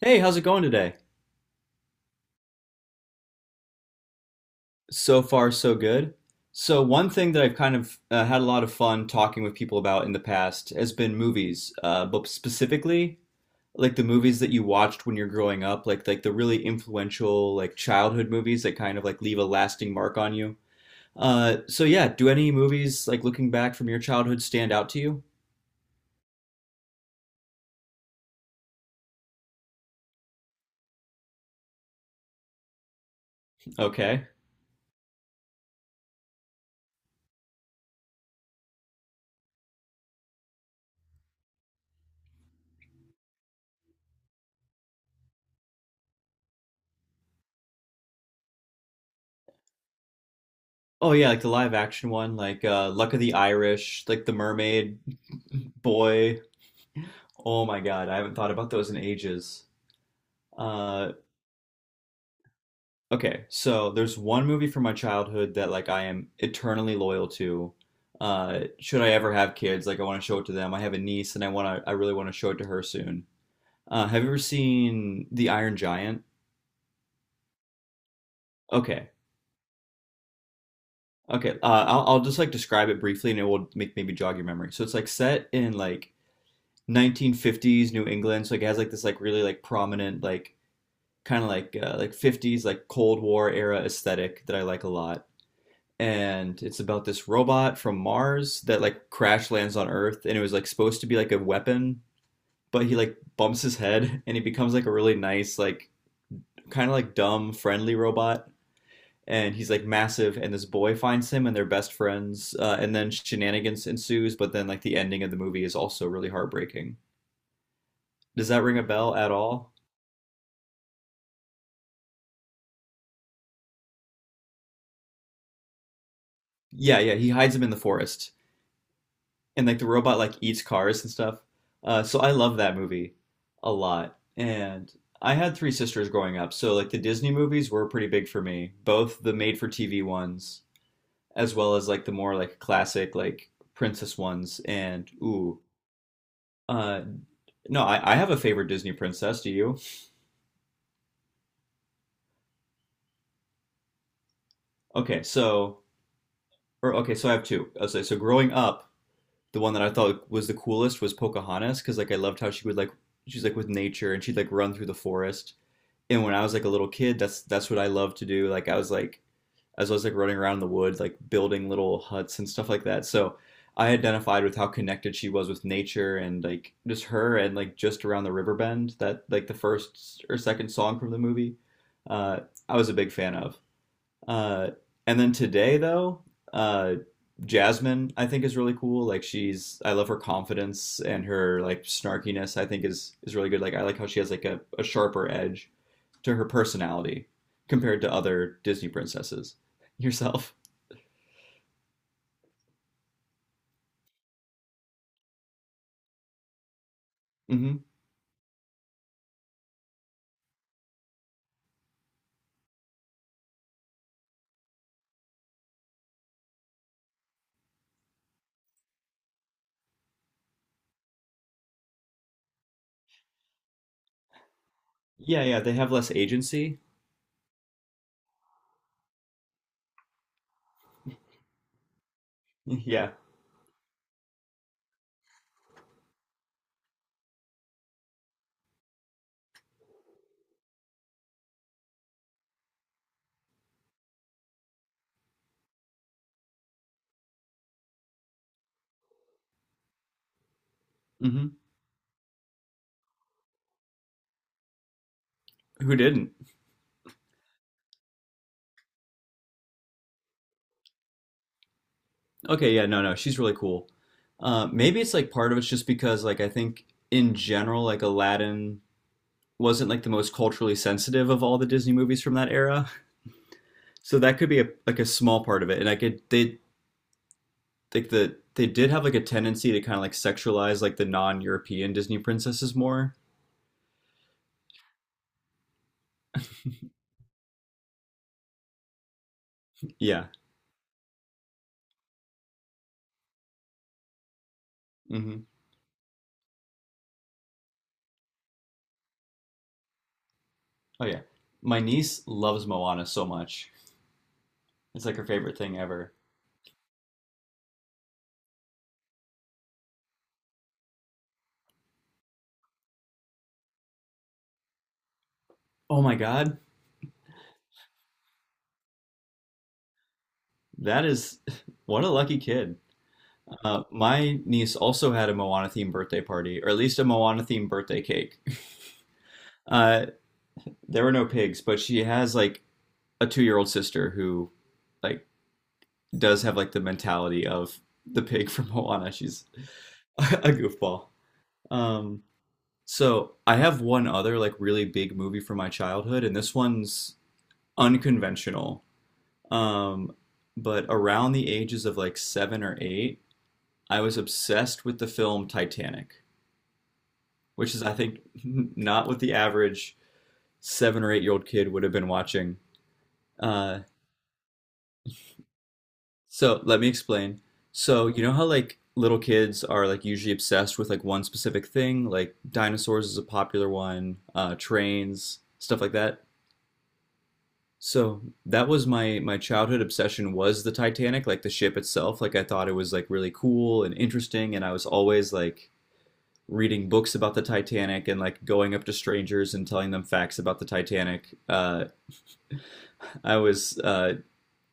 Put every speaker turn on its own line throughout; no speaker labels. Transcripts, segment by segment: Hey, how's it going today? So far, so good. So, one thing that I've kind of had a lot of fun talking with people about in the past has been movies, but specifically like the movies that you watched when you're growing up, like the really influential like childhood movies that kind of like leave a lasting mark on you. So yeah, do any movies like looking back from your childhood stand out to you? Okay. Oh yeah, like the live action one, like Luck of the Irish, like The Mermaid. Boy. Oh my God, I haven't thought about those in ages. Uh, okay, so there's one movie from my childhood that like I am eternally loyal to. Should I ever have kids, like I want to show it to them. I have a niece and I really want to show it to her soon. Have you ever seen The Iron Giant? Okay. Okay. I'll just like describe it briefly and it will make maybe jog your memory. So it's like set in like 1950s New England, so like it has like this like really like prominent like kind of like 50s like Cold War era aesthetic that I like a lot. And it's about this robot from Mars that like crash lands on Earth and it was like supposed to be like a weapon, but he like bumps his head and he becomes like a really nice like kind of like dumb friendly robot and he's like massive and this boy finds him and they're best friends, and then shenanigans ensues but then like the ending of the movie is also really heartbreaking. Does that ring a bell at all? Yeah, yeah, he hides him in the forest and like the robot like eats cars and stuff. So I love that movie a lot. And I had three sisters growing up, so like the Disney movies were pretty big for me, both the made-for-TV ones as well as like the more like classic like princess ones. And ooh, uh, no, I have a favorite Disney princess. Do you? Okay, so okay, so I have two. I say so growing up, the one that I thought was the coolest was Pocahontas because like I loved how she would like she's like with nature and she'd like run through the forest and when I was like a little kid, that's what I loved to do. Like I was like as I was like running around in the woods, like building little huts and stuff like that. So I identified with how connected she was with nature and like just her and like just around the river bend that like the first or second song from the movie. Uh, I was a big fan of. Uh, and then today though, uh, Jasmine I think is really cool. Like she's I love her confidence and her like snarkiness. I think is really good. Like I like how she has like a sharper edge to her personality compared to other Disney princesses. Yourself. Hmm. Yeah, yeah, they have less agency. Yeah. Hmm. Who didn't? Okay, yeah, no, no, she's really cool. Maybe it's like part of it's just because like I think in general like Aladdin wasn't like the most culturally sensitive of all the Disney movies from that era. So that could be a like a small part of it. And I could they like the they did have like a tendency to kind of like sexualize like the non-European Disney princesses more. Yeah. Hmm. Oh yeah. My niece loves Moana so much. It's like her favorite thing ever. Oh my God. That is what a lucky kid. My niece also had a Moana themed birthday party, or at least a Moana themed birthday cake. Uh, there were no pigs, but she has like a 2-year old sister who like does have like the mentality of the pig from Moana. She's a goofball. Um, so I have one other like really big movie from my childhood, and this one's unconventional. Um, but around the ages of like 7 or 8, I was obsessed with the film Titanic, which is, I think, not what the average 7 or 8 year old kid would have been watching. Uh, so let me explain. So, you know how like little kids are like usually obsessed with like one specific thing, like dinosaurs is a popular one, trains, stuff like that? So that was my childhood obsession was the Titanic, like the ship itself. Like I thought it was like really cool and interesting, and I was always like reading books about the Titanic and like going up to strangers and telling them facts about the Titanic. I was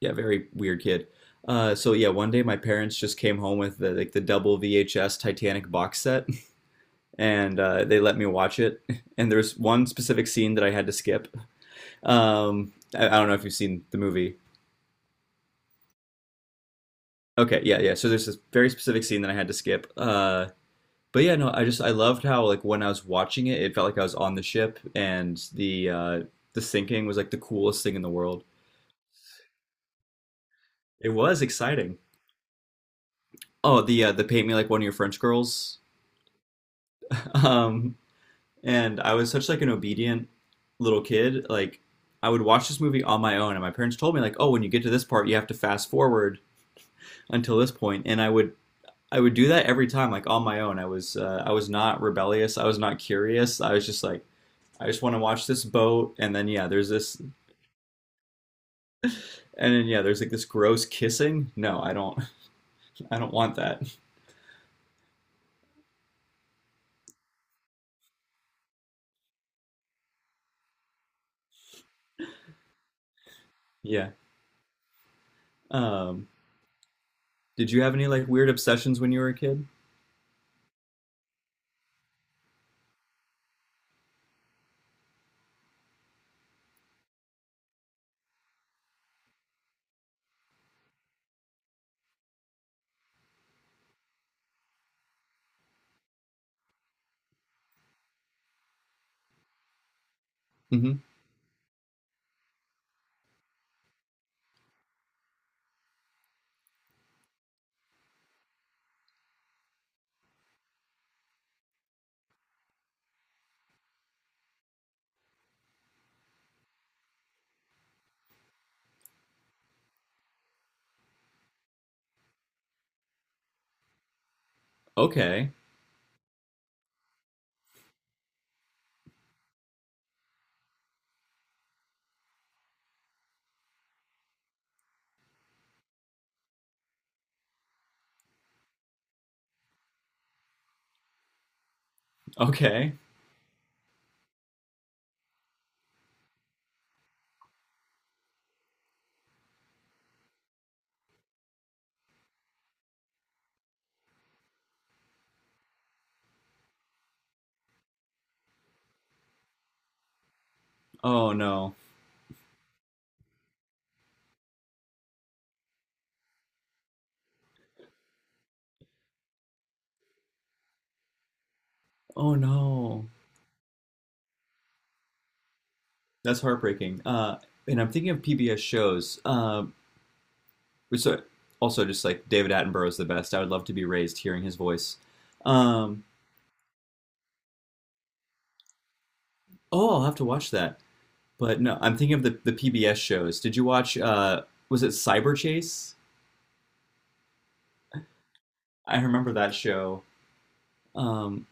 yeah, very weird kid. So yeah, one day my parents just came home with the, like the double VHS Titanic box set, and they let me watch it. And there's one specific scene that I had to skip. I don't know if you've seen the movie. Okay, yeah, yeah. So there's this very specific scene that I had to skip. But yeah, no, I just I loved how like when I was watching it, it felt like I was on the ship, and the the sinking was like the coolest thing in the world. It was exciting. Oh, the the paint me like one of your French girls. Um, and I was such like an obedient little kid. Like I would watch this movie on my own, and my parents told me like, oh, when you get to this part, you have to fast forward until this point, and I would do that every time, like on my own. I was not rebellious. I was not curious. I was just like, I just want to watch this boat. And then yeah, there's this, and then yeah, there's like this gross kissing. No, I don't. I don't want that. Yeah. Um, did you have any like weird obsessions when you were a kid? Mm-hmm. Okay. Okay. Oh no. Oh no. That's heartbreaking. And I'm thinking of PBS shows. So also just like David Attenborough is the best. I would love to be raised hearing his voice. Um, Oh, I'll have to watch that. But no, I'm thinking of the PBS shows. Did you watch was it Cyber Chase? I remember that show. Um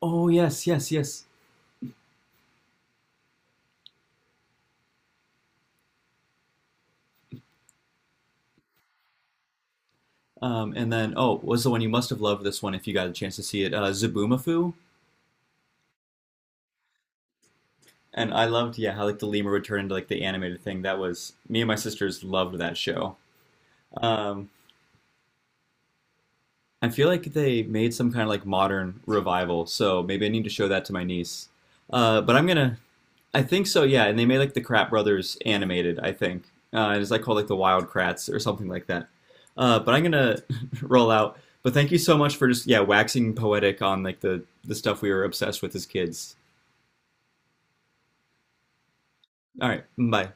oh yes, yes, yes. And then oh, was the one you must have loved this one if you got a chance to see it, Zaboomafoo. And I loved yeah, how like the lemur would turn into like the animated thing. That was me and my sisters loved that show. Um I feel like they made some kind of like modern revival, so maybe I need to show that to my niece. But I'm gonna I think so, yeah. And they made like the Krat Brothers animated, I think. It is like called like the Wild Krats or something like that. But I'm gonna roll out. But thank you so much for just yeah waxing poetic on like the stuff we were obsessed with as kids. All right, bye.